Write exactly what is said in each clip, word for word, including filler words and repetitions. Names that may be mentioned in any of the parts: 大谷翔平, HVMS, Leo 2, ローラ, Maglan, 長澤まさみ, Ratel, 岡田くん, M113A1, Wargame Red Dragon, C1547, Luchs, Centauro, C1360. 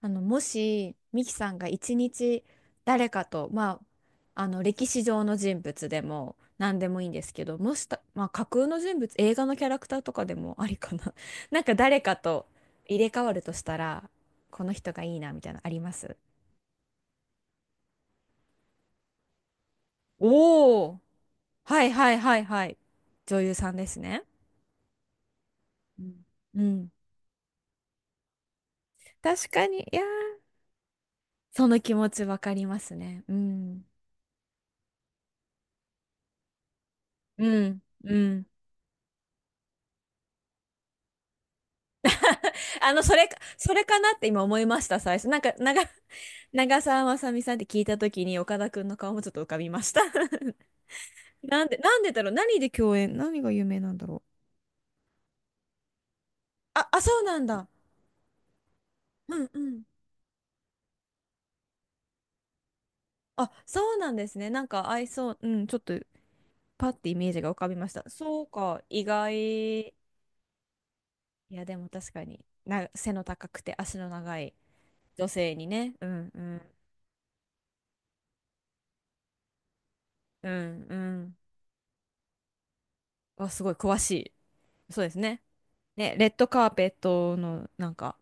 あの、もし、ミキさんが一日誰かと、まあ、あの、歴史上の人物でも何でもいいんですけど、もした、まあ、架空の人物、映画のキャラクターとかでもありかな。なんか誰かと入れ替わるとしたら、この人がいいな、みたいなのあります？おおー、はいはいはいはい。女優さんですね。うん。うん。確かに。いやー、その気持ちわかりますね。うん。うん。うん。あの、それか、それかなって今思いました、最初。なんか、長、長澤まさみさんって聞いたときに、岡田くんの顔もちょっと浮かびました。なんで、なんでだろう、何で共演？何が有名なんだろう？あ、あ、そうなんだ。うんうん。あ、そうなんですね。なんか合いそう。うん、ちょっと、パッてイメージが浮かびました。そうか、意外。いや、でも確かに、な、背の高くて足の長い女性にね。うんうん。うんうん。あ、すごい詳しい。そうですね。ね、レッドカーペットのなんか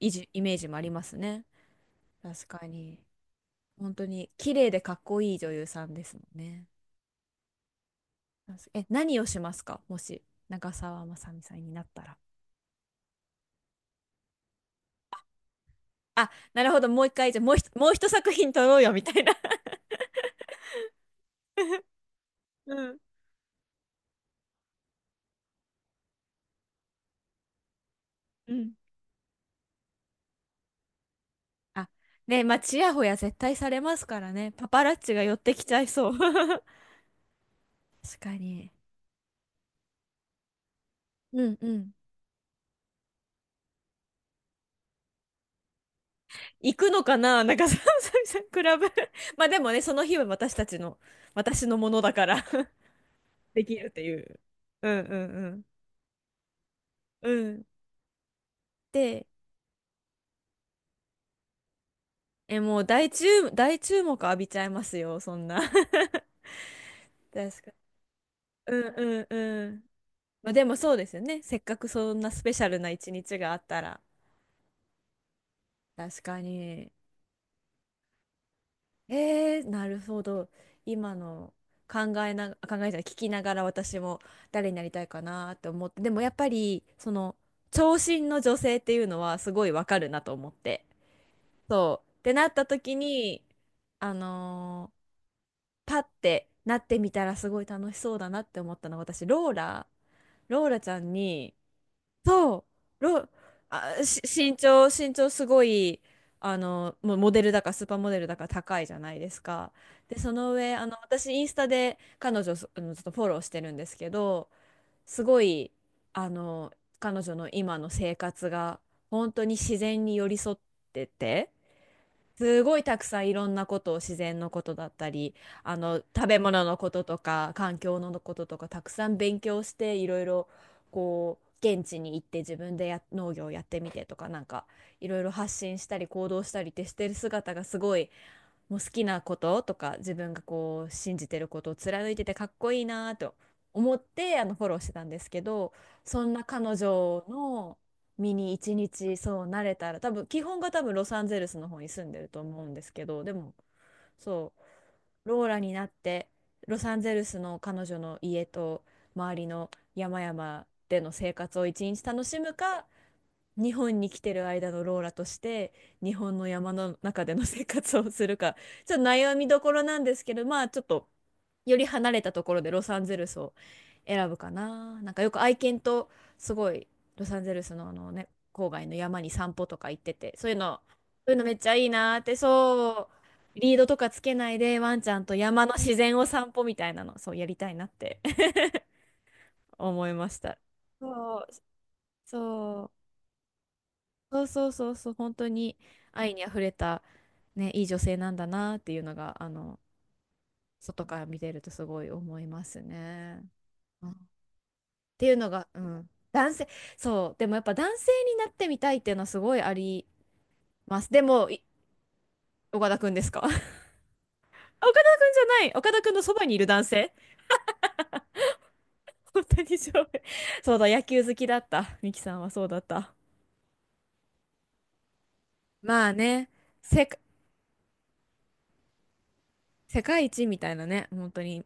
イジ、イメージもありますね。確かに。本当に綺麗でかっこいい女優さんですもんね。確え、何をしますか？もし、長澤まさみさんになったら。あ、なるほど、もう一回、じゃあもうひ、もう一作品撮ろうよ、みたいな。 うん。うん。あ、ね、まあ、ちやほや絶対されますからね。パパラッチが寄ってきちゃいそう。確かに。うんうん。行くのかな、なんか、ささみさん、クラブ。まあでもね、その日は私たちの、私のものだから。 できるっていう。うんうんうん。うん。で、え、もう大注、大注目浴びちゃいますよ、そんな。確か。うんうんうん。まあでもそうですよね。せっかくそんなスペシャルな一日があったら。確かに。えー、なるほど。今の考えな、考えじゃない、聞きながら私も誰になりたいかなって思って、でもやっぱり、その、長身の女性っていうのはすごいわかるなと思って。そう。ってなった時に、あのーパッてなってみたらすごい楽しそうだなって思ったのは私ローラローラちゃんに。そう、ロ、あ、し、身長、身長すごい、あの、もうモデルだかスーパーモデルだか高いじゃないですか。で、その上、あの、私、インスタで彼女、そあのちょっとフォローしてるんですけど、すごい、あの、彼女の今の生活が、本当に自然に寄り添ってて、すごいたくさんいろんなことを、自然のことだったりあの食べ物のこととか環境のこととかたくさん勉強していろいろ、こう現地に行って自分でや農業をやってみてとか、なんかいろいろ発信したり行動したりってしてる姿がすごい、もう好きなこととか自分がこう信じてることを貫いててかっこいいなと思ってあのフォローしてたんですけど、そんな彼女の身に一日そうなれたら、多分基本が多分ロサンゼルスの方に住んでると思うんですけど、でもそうローラになってロサンゼルスの彼女の家と周りの山々での生活を一日楽しむか、日本に来てる間のローラとして日本の山の中での生活をするか、 ちょっと悩みどころなんですけど、まあちょっとより離れたところでロサンゼルスを選ぶかな。なんかよく愛犬とすごいロサンゼルスのあのね郊外の山に散歩とか行ってて、そういうの、そういうのめっちゃいいなーって、そうリードとかつけないでワンちゃんと山の自然を散歩みたいなの、そうやりたいなって。 思いました。そう、そうそうそうそうそう、本当に愛にあふれた、ね、いい女性なんだなっていうのが、あの、外から見てるとすごい思いますね。うん。っていうのが、うん、男性、そう、でもやっぱ男性になってみたいっていうのはすごいあります。でも、い岡田くんですか？ あ岡田くんじゃない、岡田くんのそばにいる男性。 本当にそう。そうだ、野球好きだった。ミキさんはそうだった。まあね、せ世界一みたいなね、本当に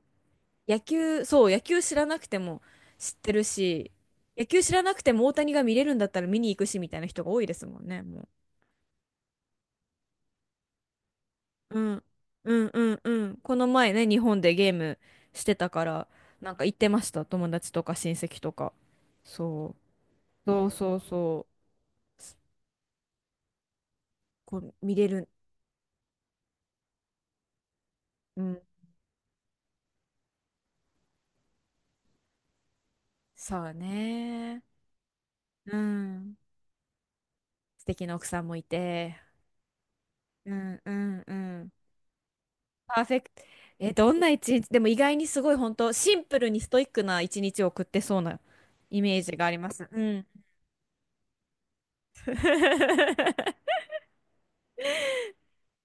野球、そう、野球知らなくても知ってるし、野球知らなくても大谷が見れるんだったら見に行くしみたいな人が多いですもんね、もう。うん。うんうんうん。この前ね、日本でゲームしてたから、なんか行ってました、友達とか親戚とか。そう。そうそうそう。すこう、見れる。うん。そうね。うん。素敵な奥さんもいて。うんうんうん。パーフェクト。え、どんな一日、でも意外にすごい本当シンプルにストイックな一日を送ってそうなイメージがあります。うん。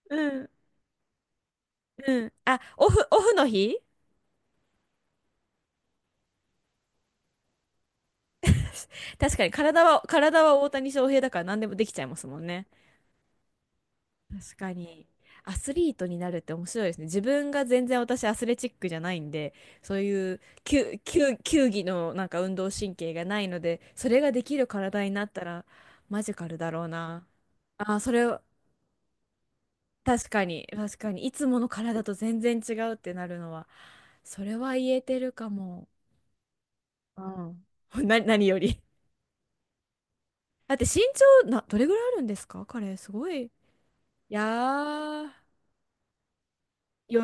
うん。うん。あ、オフ、オフの日？確かに体は、体は大谷翔平だから何でもできちゃいますもんね。確かに。アスリートになるって面白いですね。自分が全然、私アスレチックじゃないんで、そういう球、球、球技のなんか運動神経がないので、それができる体になったらマジカルだろうな。あー、それ、確かに、確かに。いつもの体と全然違うってなるのは、それは言えてるかも。うん。な、何より。だって身長な、どれぐらいあるんですか彼、すごい。いやー、よ、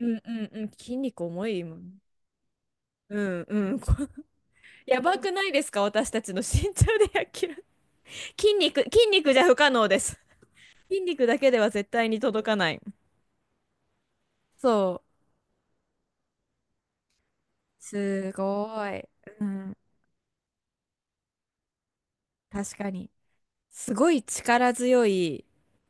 うんうんうん、筋肉重いもん。うんうん。こ やばくないですか、私たちの身長でやぜろ ぜろキロ。筋肉、筋肉じゃ不可能です。筋肉だけでは絶対に届かない。そう。すごい。うん。確かに。すごい力強い、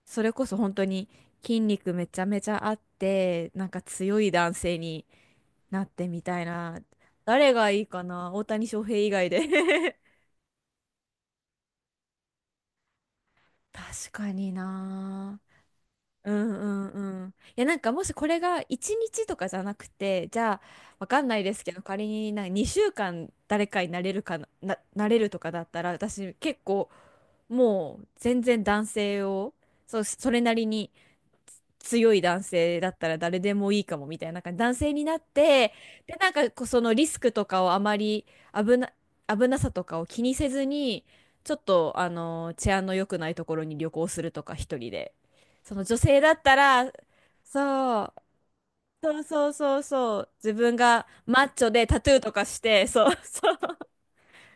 それこそ本当に筋肉めちゃめちゃあって、なんか強い男性になってみたいな。誰がいいかな、大谷翔平以外で。 確かにな。うんうんうん。いや、なんかもしこれがいちにちとかじゃなくて、じゃあわかんないですけど、仮になんかにしゅうかん誰かになれるかな、な、なれるとかだったら、私結構もう全然男性を、そう、それなりに強い男性だったら誰でもいいかもみたいな、なんか男性になって、で、なんかこうそのリスクとかをあまり、危な、危なさとかを気にせずに、ちょっとあの治安の良くないところに旅行するとか一人で。その女性だったら、そう、そうそうそうそう、自分がマッチョでタトゥーとかして、そうそう、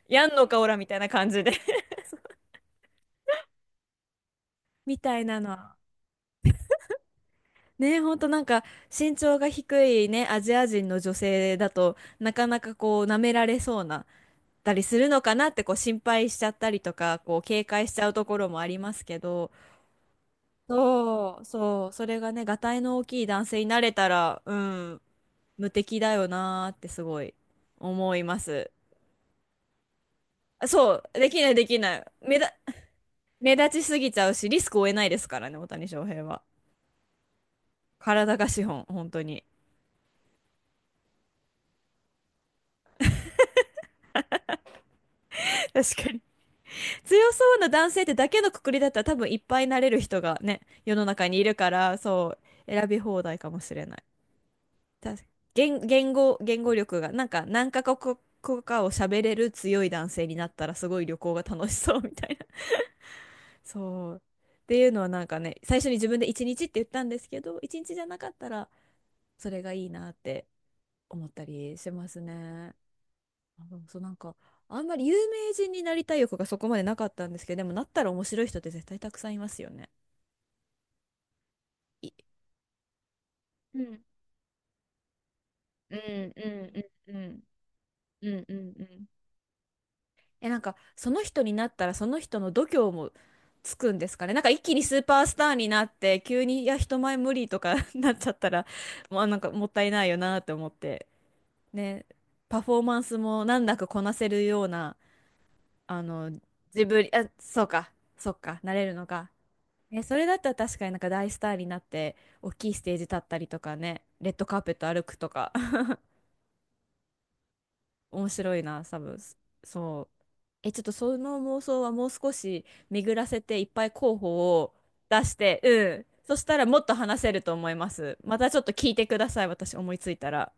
やんのかおらみたいな感じで、みたいなの。ね、ほんとなんか身長が低いね、アジア人の女性だとなかなかこう舐められそうなったりするのかなってこう心配しちゃったりとか、こう警戒しちゃうところもありますけど、そうそう、それがね、がたいの大きい男性になれたら、うん、無敵だよなーってすごい思います。あそう、できないできない。目だ、目立ちすぎちゃうし、リスクを負えないですからね、大谷翔平は。体が資本、本当に。確かに、強そうな男性ってだけのくくりだったら、多分いっぱいなれる人がね、世の中にいるから、そう、選び放題かもしれない。確か、言、言語、言語力が、なんか何カ国語かを喋れる強い男性になったらすごい旅行が楽しそうみたいな。そう。っていうのはなんかね、最初に自分でいちにちって言ったんですけど、いちにちじゃなかったらそれがいいなって思ったりしますね。あ、でもそうなんか、あんまり有名人になりたい欲がそこまでなかったんですけど、でもなったら面白い人って絶対たくさんいますよね。いうん。うんうんうんうんうんうんうん。え、なんかその人になったらその人の度胸もつくんですかね。なんか一気にスーパースターになって急にいや人前無理とか、 なっちゃったらもうなんかもったいないよなって思って。ね、パフォーマンスも難なくこなせるような、あの自分、あ、そうか、そうかなれるのか。え、それだったら確かになんか大スターになって大きいステージ立ったりとかね、レッドカーペット歩くとか面白いな、多分。そう。え、ちょっとその妄想はもう少し巡らせていっぱい候補を出して、うん。そしたらもっと話せると思います。またちょっと聞いてください、私思いついたら。